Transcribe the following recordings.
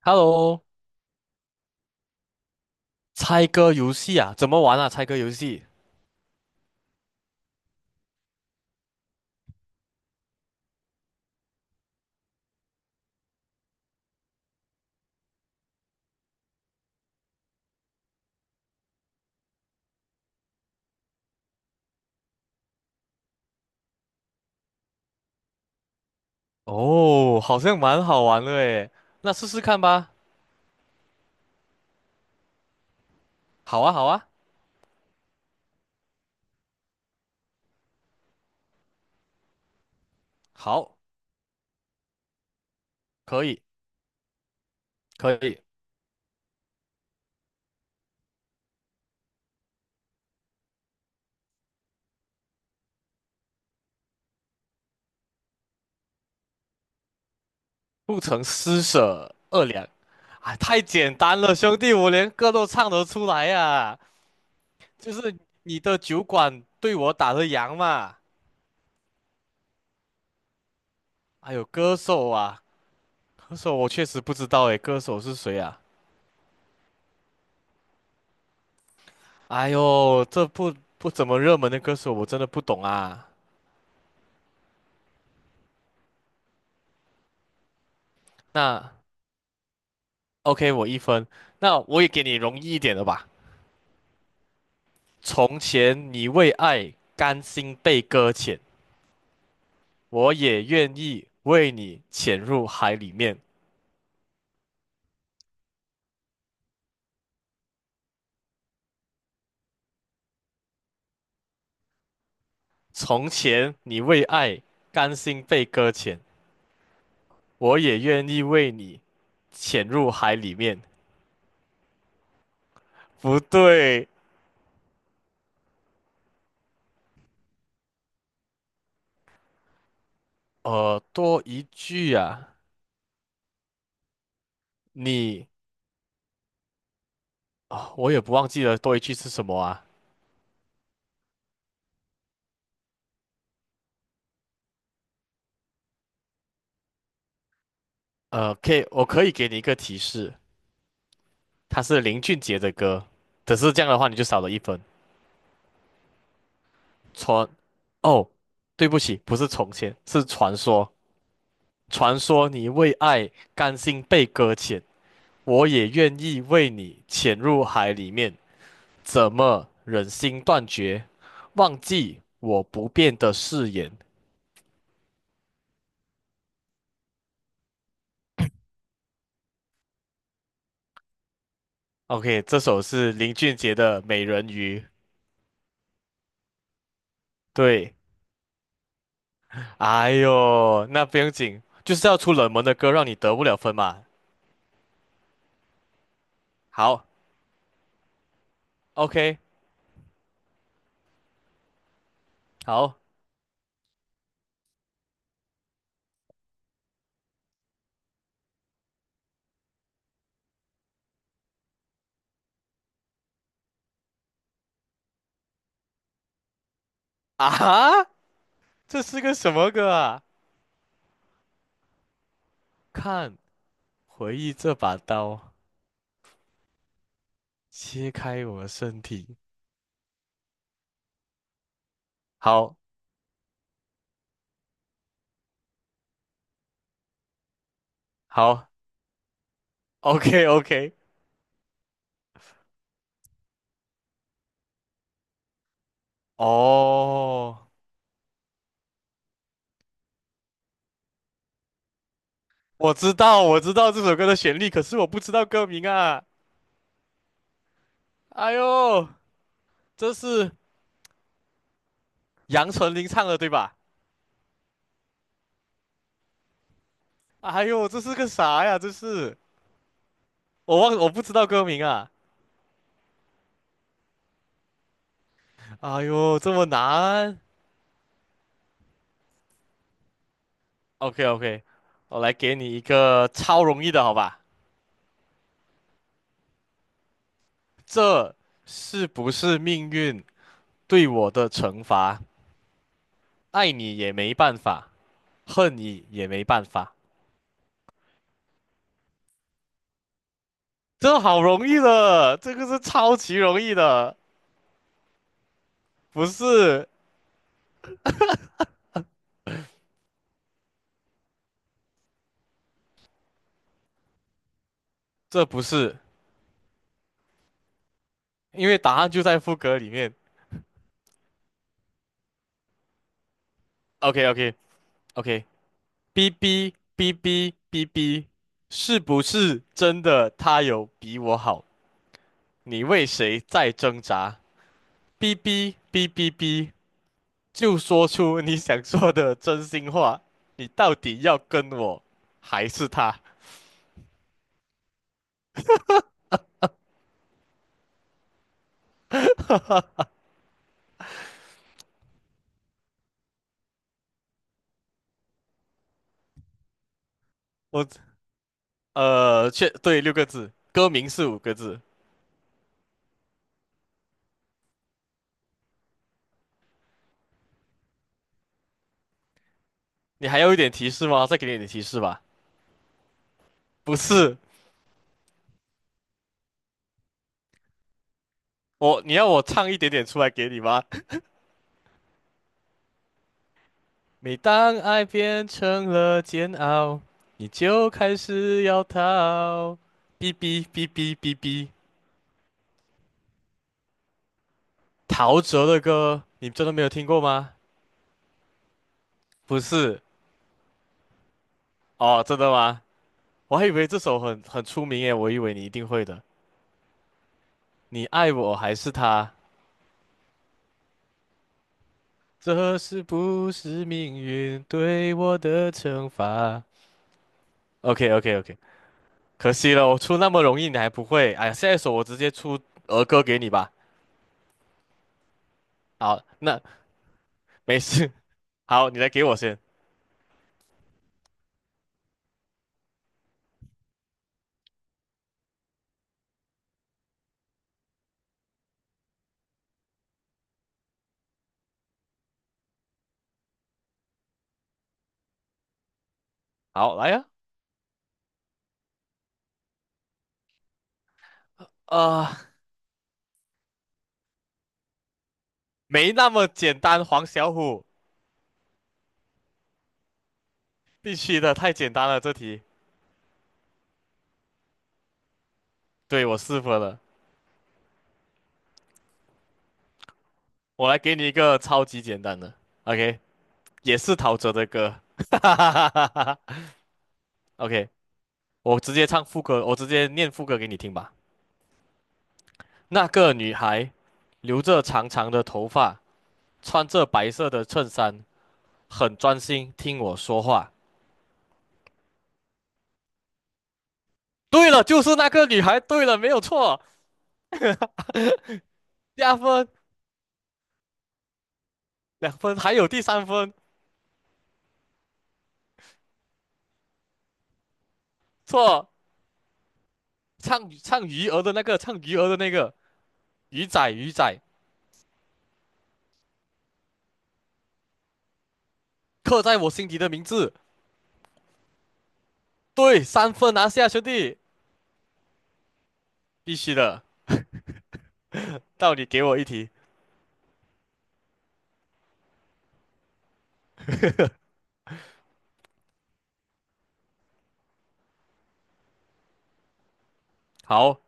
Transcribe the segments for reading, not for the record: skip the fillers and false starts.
Hello，猜歌游戏啊，怎么玩啊？猜歌游戏哦，好像蛮好玩的诶，那试试看吧。好啊，好啊，好，可以，可以，不曾施舍二两，啊，太简单了，兄弟，我连歌都唱得出来呀、啊。就是你的酒馆对我打的烊嘛。哎呦，歌手啊，歌手我确实不知道诶，歌手是谁啊？哎呦，这不怎么热门的歌手，我真的不懂啊。那。OK，我一分。那我也给你容易一点的吧。从前你为爱甘心被搁浅，我也愿意为你潜入海里面。从前你为爱甘心被搁浅，我也愿意为你潜入海里面。不对，多一句啊，你啊、我也不忘记了多一句是什么啊。可以，我可以给你一个提示，它是林俊杰的歌。只是这样的话，你就少了一分。传，哦，对不起，不是从前，是传说。传说你为爱甘心被搁浅，我也愿意为你潜入海里面。怎么忍心断绝，忘记我不变的誓言？OK，这首是林俊杰的《美人鱼》。对，哎呦，那不用紧，就是要出冷门的歌，让你得不了分嘛。好，OK，好啊，这是个什么歌啊？看。回忆这把刀切开我的身体。好，好，OK OK。哦，我知道，我知道这首歌的旋律，可是我不知道歌名啊。哎呦，这是杨丞琳唱的对吧？哎呦，这是个啥呀？这是我忘，我不知道歌名啊。哎呦，这么难。OK OK，我来给你一个超容易的，好吧？这是不是命运对我的惩罚？爱你也没办法。恨你也没办法。这好容易的，这个是超级容易的，不是，这不是，因为答案就在副歌里面。OK OK OK，b BB BB B B B，是不是真的他有比我好？你为谁在挣扎？b b BB B B，就说出你想说的真心话。你到底要跟我还是他？我确对六个字，歌名是五个字。你还有一点提示吗？再给你一点提示吧。不是我，你要我唱一点点出来给你吗？每当爱变成了煎熬，你就开始要逃。哔哔哔哔哔哔，陶喆的歌，你真的没有听过吗？不是哦，真的吗？我还以为这首很出名耶，我以为你一定会的。你爱我还是他？这是不是命运对我的惩罚？OK OK OK，可惜了，我出那么容易你还不会。哎呀，下一首我直接出儿歌给你吧。好，那没事。好，你来给我先。好，来呀、啊。呃，没那么简单，黄小虎，必须的，太简单了这题。对，我试过了。我来给你一个超级简单的，OK，也是陶喆的歌。哈哈哈哈哈哈 OK，我直接唱副歌，我直接念副歌给你听吧。那个女孩，留着长长的头发，穿着白色的衬衫。很专心听我说话。对了，就是那个女孩。对了，没有错。加分两分，还有第三分错。唱唱鱼儿的那个，唱鱼儿的那个，鱼仔鱼仔，刻在我心底的名字。对，三分拿下，兄弟，必须的。到你给我一题。好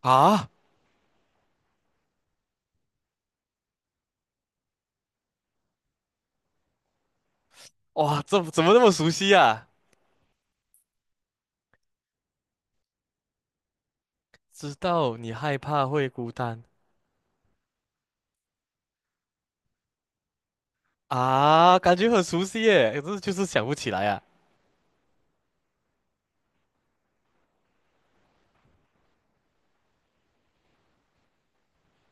啊，哇，这怎么那么熟悉啊？知道你害怕会孤单啊，感觉很熟悉耶，可是就是想不起来啊。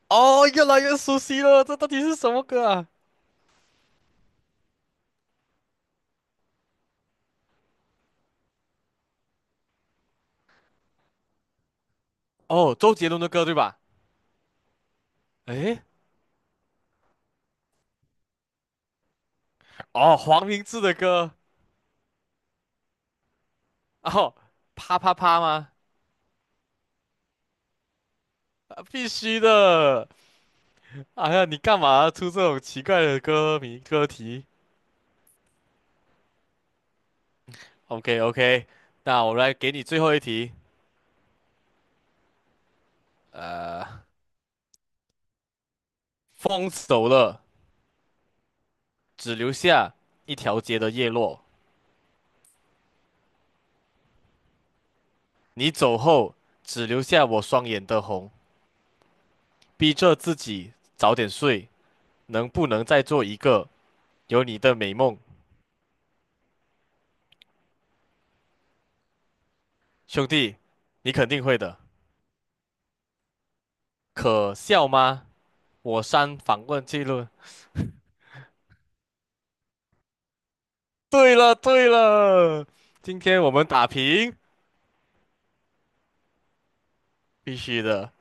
哦，越来越熟悉了，这到底是什么歌啊？哦，周杰伦的歌对吧？诶，哦，黄明志的歌，哦，啪啪啪吗？啊必须的。哎呀，你干嘛出这种奇怪的歌名歌题？OK OK，那我来给你最后一题。呃，风走了，只留下一条街的叶落；你走后，只留下我双眼的红。逼着自己早点睡，能不能再做一个有你的美梦？兄弟，你肯定会的。可笑吗？我删访问记录。对了对了，今天我们打平，必须的。